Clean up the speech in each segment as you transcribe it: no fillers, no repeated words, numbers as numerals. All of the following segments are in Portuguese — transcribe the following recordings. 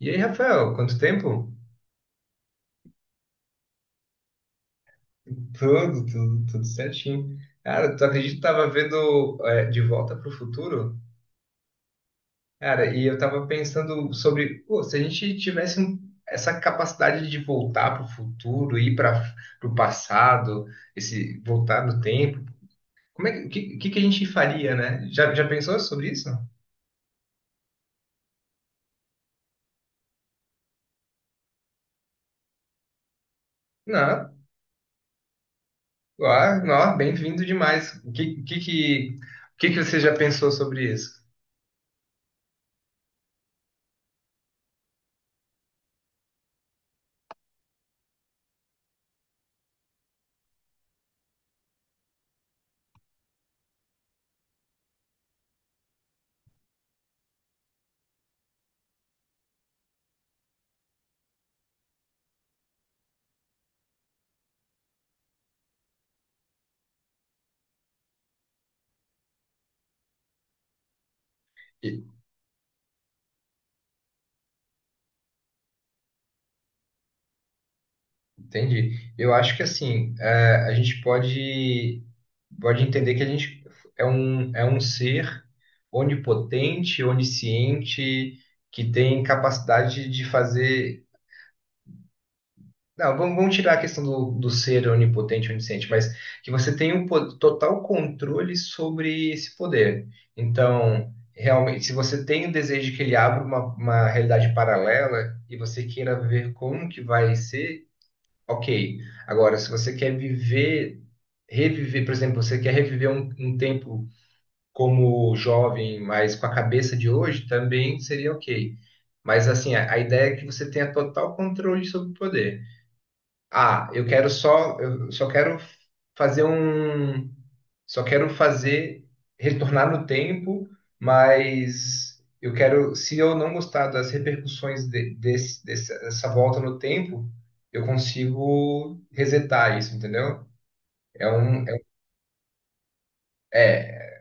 E aí, Rafael, quanto tempo? Tudo, tudo, tudo certinho. Cara, tu acredita que eu tava vendo De Volta pro Futuro? Cara, e eu tava pensando sobre, pô, se a gente tivesse essa capacidade de voltar pro futuro, ir para pro passado, esse voltar no tempo, como é que que a gente faria, né? Já pensou sobre isso? Não, ah, não, bem-vindo demais. O que que você já pensou sobre isso? Entendi. Eu acho que assim, é, a gente pode entender que a gente é um ser onipotente, onisciente, que tem capacidade de fazer. Não, vamos tirar a questão do ser onipotente, onisciente, mas que você tem total controle sobre esse poder. Então, realmente, se você tem o desejo de que ele abra uma realidade paralela e você queira ver como que vai ser. Ok. Agora, se você quer viver, reviver, por exemplo, você quer reviver um tempo como jovem, mas com a cabeça de hoje, também seria ok. Mas assim, a ideia é que você tenha total controle sobre o poder. Ah, eu quero só, eu só quero fazer um, só quero fazer, retornar no tempo, mas eu quero, se eu não gostar das repercussões dessa volta no tempo, eu consigo resetar isso, entendeu? É um, é, um, é.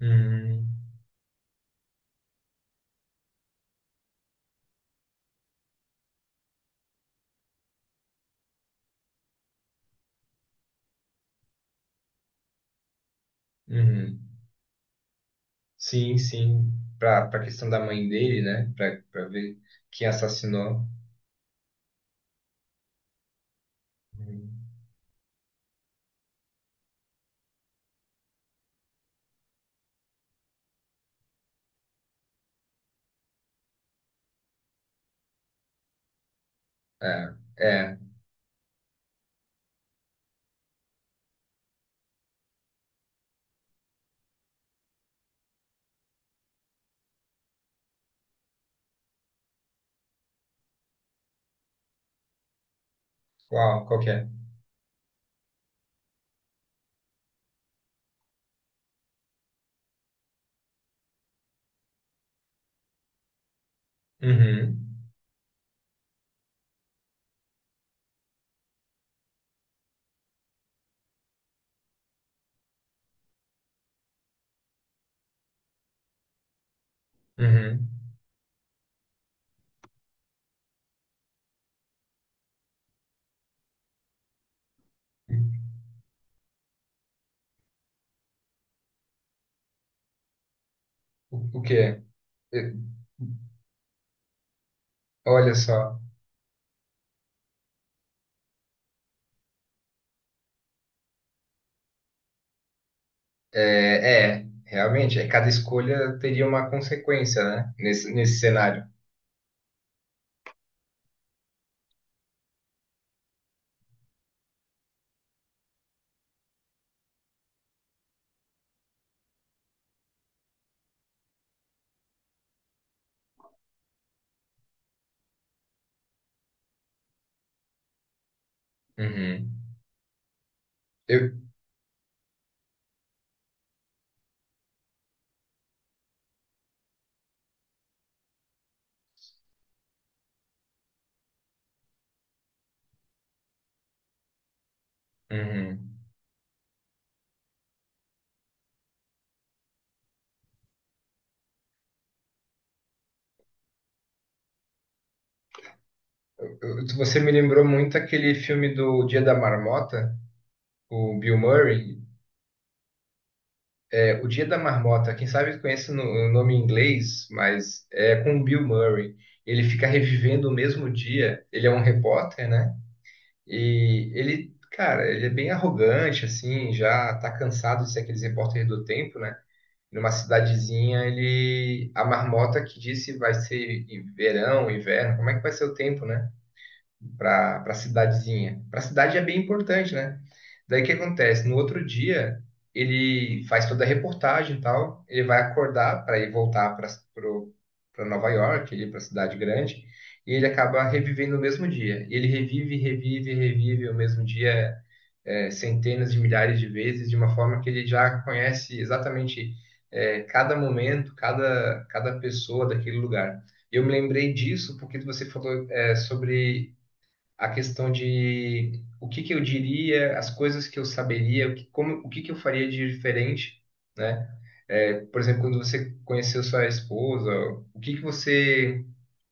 Uhum, uhum. Sim, para questão da mãe dele, né? Para ver quem assassinou. Uhum. É, é. Qual, qual que é? Uhum, uhum. O quê? Eh, Olha só. É, é, realmente, é, cada escolha teria uma consequência, né? Nesse, nesse cenário. Uhum. Eu, uhum. Você me lembrou muito aquele filme do Dia da Marmota, o Bill Murray. É, o Dia da Marmota, quem sabe conhece o nome em inglês, mas é com o Bill Murray. Ele fica revivendo o mesmo dia. Ele é um repórter, né? E ele, cara, ele é bem arrogante, assim, já tá cansado de ser aqueles repórter do tempo, né? Numa cidadezinha, ele a marmota que disse vai ser em verão, inverno, como é que vai ser o tempo, né? Para cidadezinha. Para cidade é bem importante, né? Daí o que acontece? No outro dia, ele faz toda a reportagem e tal, ele vai acordar para ir voltar para Nova York, para a cidade grande, e ele acaba revivendo o mesmo dia. Ele revive o mesmo dia centenas de milhares de vezes, de uma forma que ele já conhece exatamente cada momento, cada pessoa daquele lugar. Eu me lembrei disso porque você falou sobre a questão de o que que eu diria, as coisas que eu saberia, o que, como, o que que eu faria de diferente, né? É, por exemplo, quando você conheceu sua esposa, o que que você,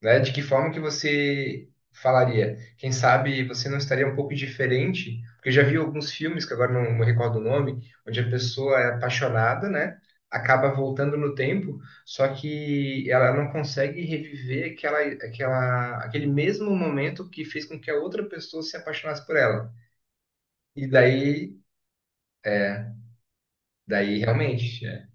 né, de que forma que você falaria? Quem sabe você não estaria um pouco diferente? Porque eu já vi alguns filmes, que agora não me recordo o nome, onde a pessoa é apaixonada, né? Acaba voltando no tempo, só que ela não consegue reviver aquele mesmo momento que fez com que a outra pessoa se apaixonasse por ela. E daí, é daí realmente, é.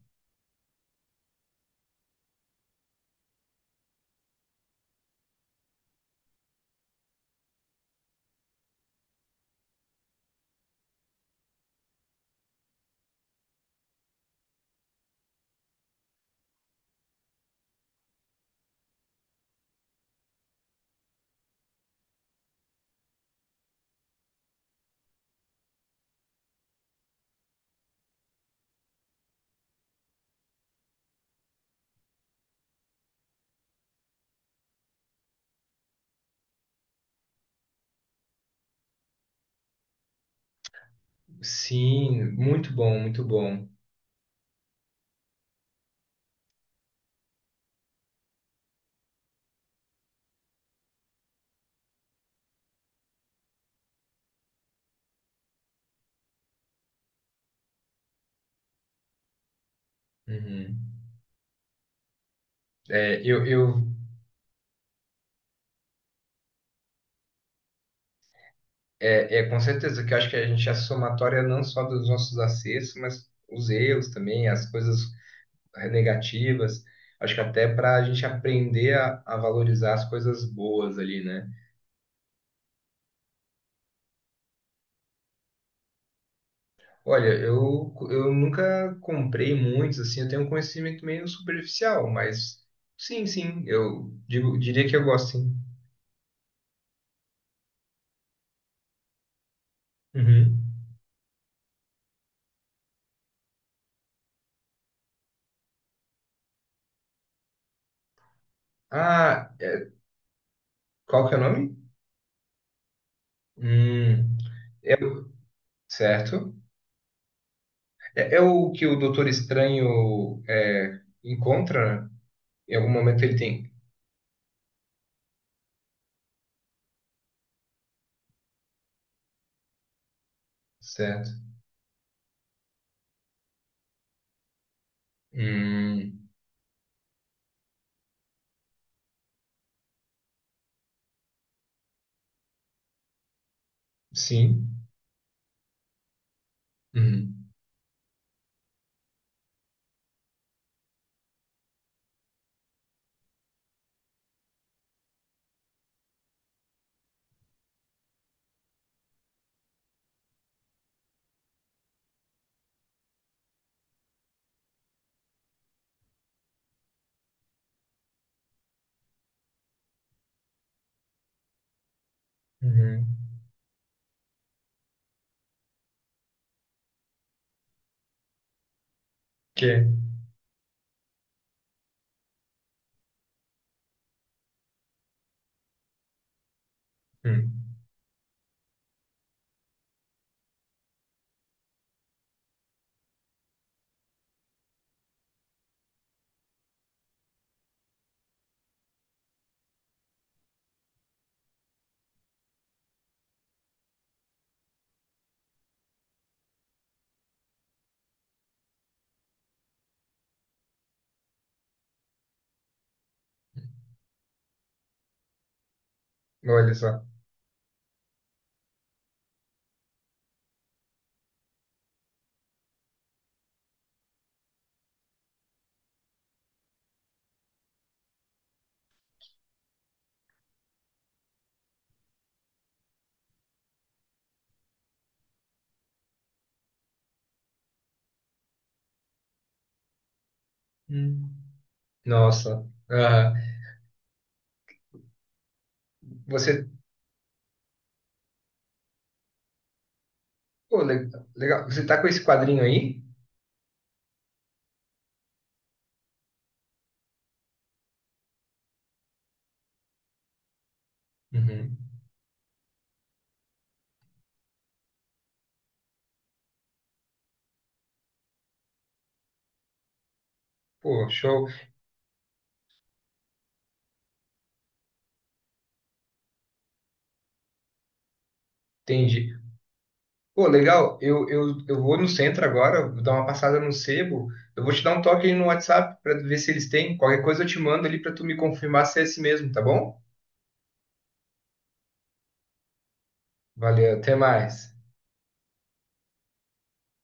Sim, muito bom, muito bom. Uhum. É, eu é, é com certeza que eu acho que a gente é somatória não só dos nossos acertos, mas os erros também, as coisas negativas. Acho que até para a gente aprender a valorizar as coisas boas ali, né? Olha, eu nunca comprei muitos, assim, eu tenho um conhecimento meio superficial, mas diria que eu gosto, sim. Uhum. Ah, é, qual que é o nome? Hum, eu, certo. É, é o que o Doutor Estranho encontra, né? Em algum momento ele tem. Certo. Hum, sim. Uhum. Uhum. Que? Hum. Olha só. Hum. Nossa. Ah, você. Pô, le- legal. Você tá com esse quadrinho aí? Uhum. Pô, show. Entendi. Pô, legal. Eu vou no centro agora, vou dar uma passada no sebo. Eu vou te dar um toque aí no WhatsApp pra ver se eles têm. Qualquer coisa eu te mando ali pra tu me confirmar se é esse mesmo, tá bom? Valeu, até mais.